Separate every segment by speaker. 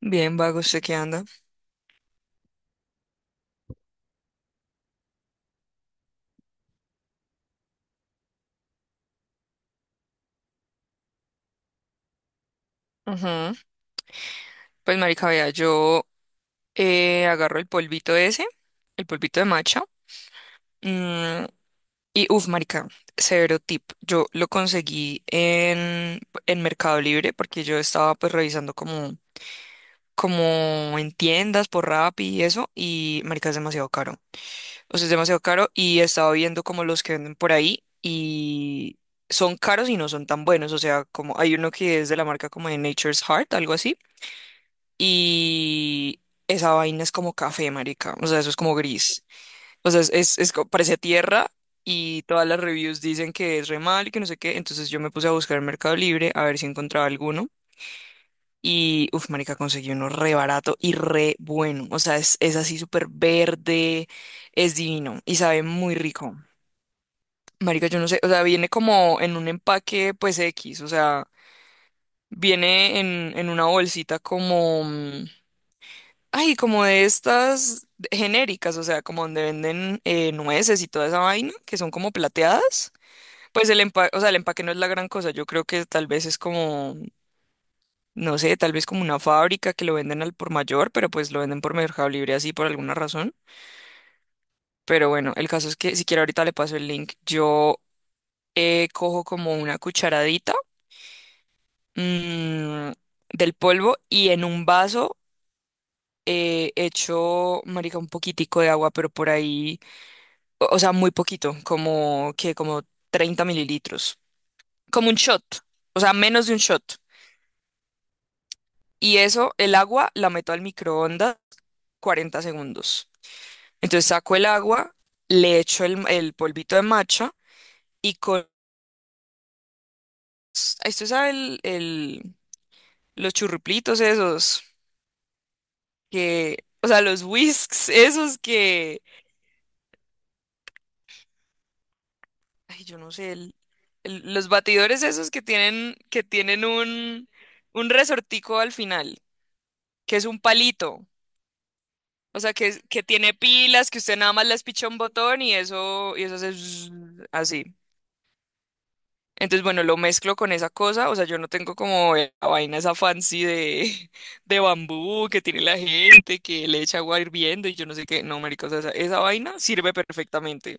Speaker 1: Bien, vago, ¿usted qué anda? Ujú. Pues, marica, vea, yo agarro el polvito ese, el polvito de matcha. Y uff, marica, severo tip. Yo lo conseguí en Mercado Libre porque yo estaba pues revisando como en tiendas por Rappi y eso. Y marica, es demasiado caro. O sea, es demasiado caro y estaba viendo como los que venden por ahí y son caros y no son tan buenos. O sea, como hay uno que es de la marca como de Nature's Heart, algo así. Y esa vaina es como café, marica. O sea, eso es como gris. O sea, parece tierra y todas las reviews dicen que es re mal y que no sé qué. Entonces yo me puse a buscar en Mercado Libre a ver si encontraba alguno. Y, uff, marica, conseguí uno re barato y re bueno. O sea, es así súper verde, es divino y sabe muy rico. Marica, yo no sé, o sea, viene como en un empaque, pues X, o sea, viene en una bolsita como, ay, como de estas genéricas, o sea, como donde venden nueces y toda esa vaina, que son como plateadas. Pues el empaque, o sea, el empaque no es la gran cosa. Yo creo que tal vez es como, no sé, tal vez como una fábrica que lo venden al por mayor, pero pues lo venden por Mercado Libre así por alguna razón. Pero bueno, el caso es que si quiere ahorita le paso el link. Yo cojo como una cucharadita mm, del polvo y en un vaso echo, marica, un poquitico de agua, pero por ahí, o sea, muy poquito, como que como 30 mililitros, como un shot, o sea, menos de un shot. Y eso, el agua la meto al microondas 40 segundos. Entonces saco el agua, le echo el, polvito de matcha y con... Esto sabe los churruplitos esos que... O sea, los whisks esos que... Ay, yo no sé, los batidores esos que tienen, un resortico al final, que es un palito. O sea, que tiene pilas, que usted nada más les picha un botón y eso hace zzzz, así. Entonces, bueno, lo mezclo con esa cosa, o sea, yo no tengo como la vaina esa fancy de, de bambú que tiene la gente, que le echa agua hirviendo y yo no sé qué, no, marica, o sea, esa vaina sirve perfectamente.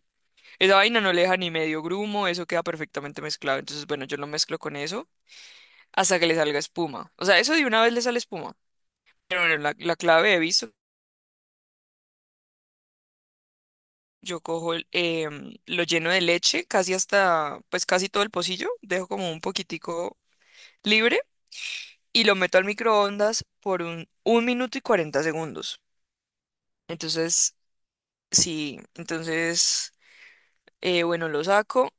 Speaker 1: Esa vaina no le deja ni medio grumo, eso queda perfectamente mezclado. Entonces, bueno, yo lo mezclo con eso hasta que le salga espuma. O sea, eso de una vez le sale espuma. Pero bueno, la clave he visto, yo cojo lo lleno de leche, casi hasta, pues casi todo el pocillo, dejo como un poquitico libre y lo meto al microondas por 1 minuto y 40 segundos. Entonces, sí, entonces, bueno, lo saco.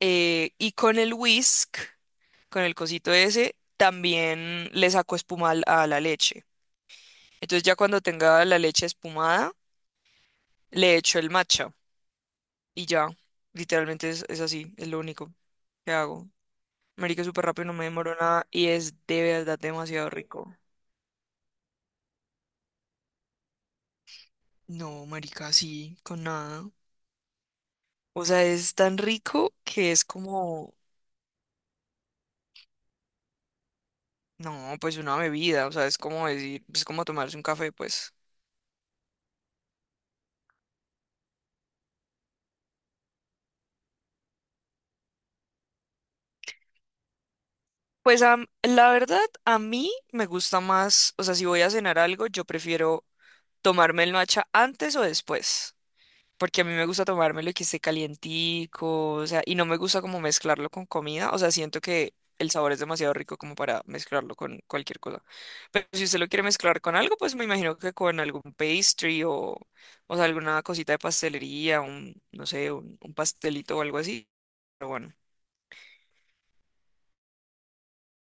Speaker 1: Y con el whisk, con el cosito ese, también le saco espuma a la leche. Entonces ya cuando tenga la leche espumada, le echo el matcha y ya, literalmente es así, es lo único que hago. Marica, es súper rápido, no me demoro nada y es de verdad demasiado rico. No, marica, sí, con nada. O sea, es tan rico que es como, no, pues una bebida, o sea, es como decir, es como tomarse un café, pues. Pues la verdad, a mí me gusta más, o sea, si voy a cenar algo, yo prefiero tomarme el matcha antes o después, porque a mí me gusta tomármelo y que esté calientico, o sea, y no me gusta como mezclarlo con comida, o sea, siento que el sabor es demasiado rico como para mezclarlo con cualquier cosa. Pero si usted lo quiere mezclar con algo, pues me imagino que con algún pastry o sea, alguna cosita de pastelería, no sé, un pastelito o algo así. Pero bueno,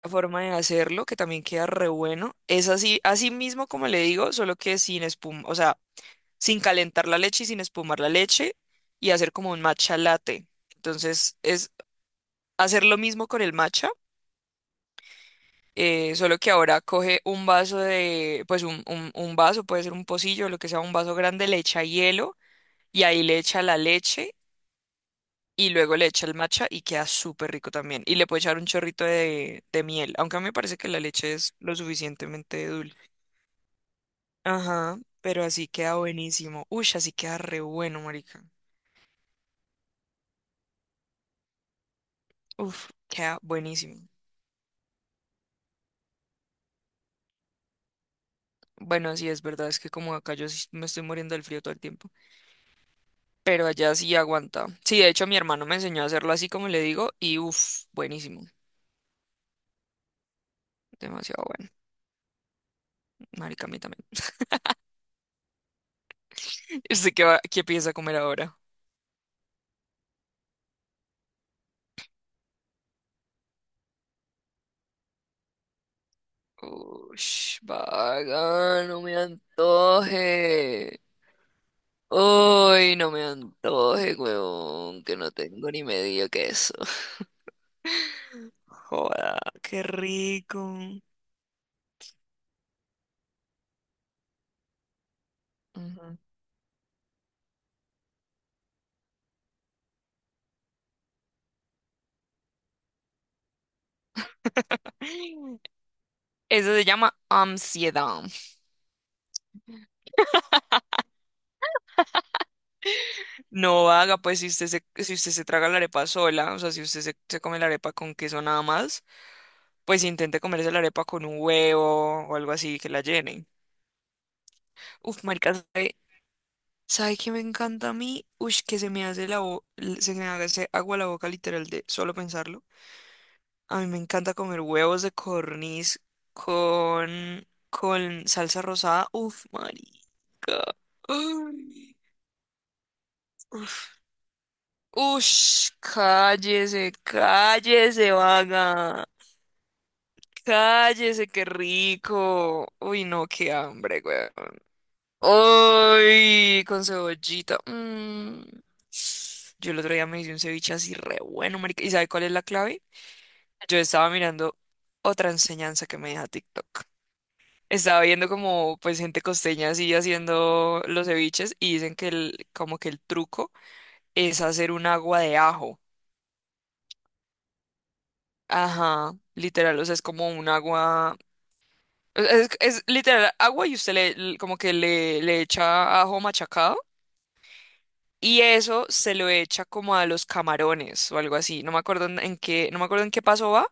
Speaker 1: la forma de hacerlo, que también queda re bueno, es así, así mismo como le digo, solo que sin espuma, o sea, sin calentar la leche y sin espumar la leche y hacer como un matcha latte. Entonces es hacer lo mismo con el matcha, solo que ahora coge un vaso de, pues un vaso, puede ser un pocillo, lo que sea, un vaso grande, le echa hielo y ahí le echa la leche y luego le echa el matcha y queda súper rico también. Y le puede echar un chorrito de miel, aunque a mí me parece que la leche es lo suficientemente dulce. Ajá, pero así queda buenísimo. Uy, así queda re bueno, marica. Uf, queda buenísimo. Bueno, sí, es verdad, es que como acá yo sí me estoy muriendo del frío todo el tiempo, pero allá sí aguanta. Sí, de hecho mi hermano me enseñó a hacerlo así como le digo y uff, buenísimo, demasiado bueno, marica, a mí también. ¿Y usted qué piensa comer ahora? Ush, vaga, no me antoje. Uy, no me antoje, huevón, que no tengo ni medio queso. Joda, qué rico. Ujú. Eso se llama ansiedad. No haga, pues si usted se traga la arepa sola, o sea, si usted se come la arepa con queso nada más, pues intente comerse la arepa con un huevo o algo así que la llenen. Uf, marica, ¿Sabe qué me encanta a mí? Ush, que se me hace se me hace agua la boca literal de solo pensarlo. A mí me encanta comer huevos de corniz con salsa rosada. Uf, marica. Ay. Ush, cállese, cállese, vaga. Cállese, qué rico. Uy, no, qué hambre, güey. Uy, con cebollita. Mm. Yo el otro día me hice un ceviche así re bueno, marica. ¿Y sabe cuál es la clave? Yo estaba mirando otra enseñanza que me deja TikTok. Estaba viendo como pues gente costeña así haciendo los ceviches y dicen que como que el truco es hacer un agua de ajo. Ajá, literal, o sea, es como un agua. Es literal agua y usted como que le echa ajo machacado y eso se lo echa como a los camarones o algo así. No me acuerdo en qué, no me acuerdo en qué paso va,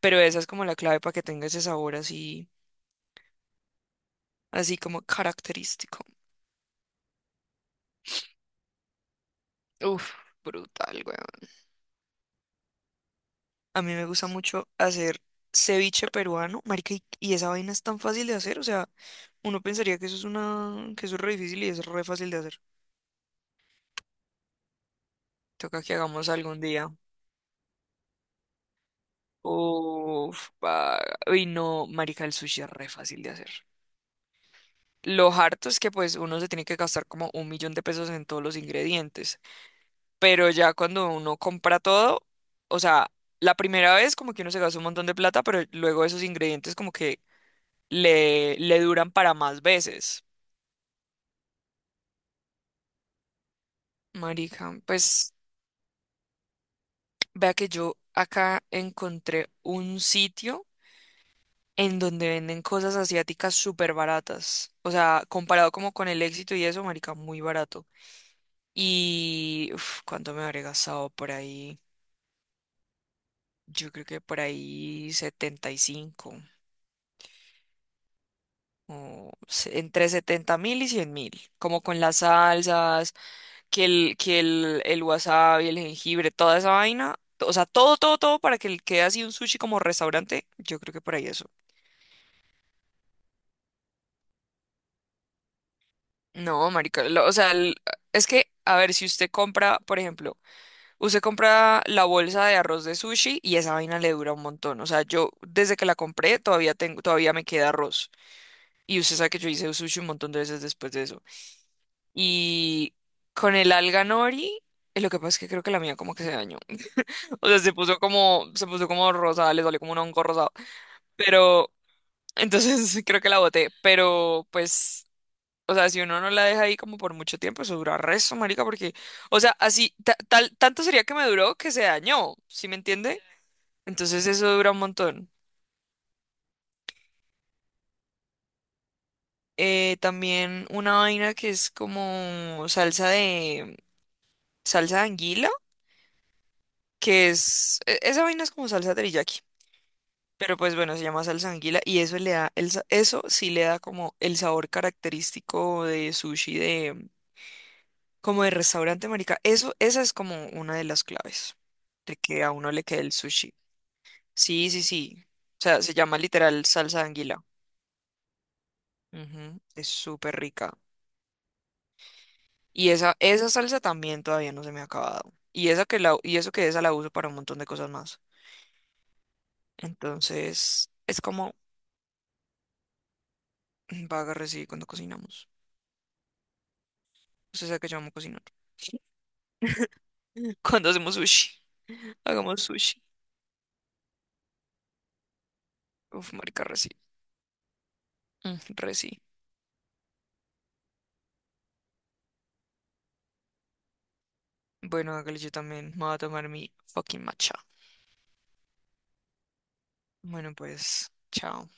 Speaker 1: pero esa es como la clave para que tenga ese sabor así, así como característico. Uf, brutal, weón. A mí me gusta mucho hacer ceviche peruano, marica, y esa vaina es tan fácil de hacer, o sea, uno pensaría que eso es que eso es re difícil y es re fácil de hacer. Toca que hagamos algún día. Uf, uy, no, marica, el sushi es re fácil de hacer. Lo harto es que pues uno se tiene que gastar como un millón de pesos en todos los ingredientes, pero ya cuando uno compra todo, o sea, la primera vez como que uno se gasta un montón de plata, pero luego esos ingredientes como que le duran para más veces. Marica, pues vea que yo acá encontré un sitio, en donde venden cosas asiáticas súper baratas. O sea, comparado como con el éxito y eso, marica, muy barato. Y uf, ¿cuánto me habré gastado por ahí? Yo creo que por ahí 75. Entre 70.000 y 100.000, como con las salsas, el wasabi, el jengibre, toda esa vaina, o sea, todo, todo, todo para que quede así un sushi como restaurante, yo creo que por ahí eso. No, marica, o sea, es que, a ver, si usted compra, por ejemplo. Usted compra la bolsa de arroz de sushi y esa vaina le dura un montón. O sea, yo desde que la compré todavía tengo, todavía me queda arroz. Y usted sabe que yo hice sushi un montón de veces después de eso. Y con el alga nori, lo que pasa es que creo que la mía como que se dañó. O sea, se puso como rosada, le salió como un hongo rosado. Pero, entonces creo que la boté. Pero, pues, o sea, si uno no la deja ahí como por mucho tiempo, eso dura resto, marica, porque, o sea, así, tanto sería que me duró que se dañó, ¿sí me entiende? Entonces eso dura un montón. También una vaina que es como salsa de anguila, que es esa vaina es como salsa teriyaki, pero pues bueno, se llama salsa de anguila y eso le da eso sí le da como el sabor característico de sushi de como de restaurante, marica. Eso esa es como una de las claves de que a uno le quede el sushi. Sí, sí, sí. O sea, se llama literal salsa de anguila. Ujú. Es súper rica. Y esa salsa también todavía no se me ha acabado. Y eso que esa la uso para un montón de cosas más. Entonces, es como vaga recibe cuando cocinamos. Usted sabe que yo amo cocinar. Cuando hacemos sushi, hagamos sushi. Uf, marica, reci. Mm, Reci. Bueno, hágale yo también. Me voy a tomar mi fucking matcha. Bueno, pues, chao.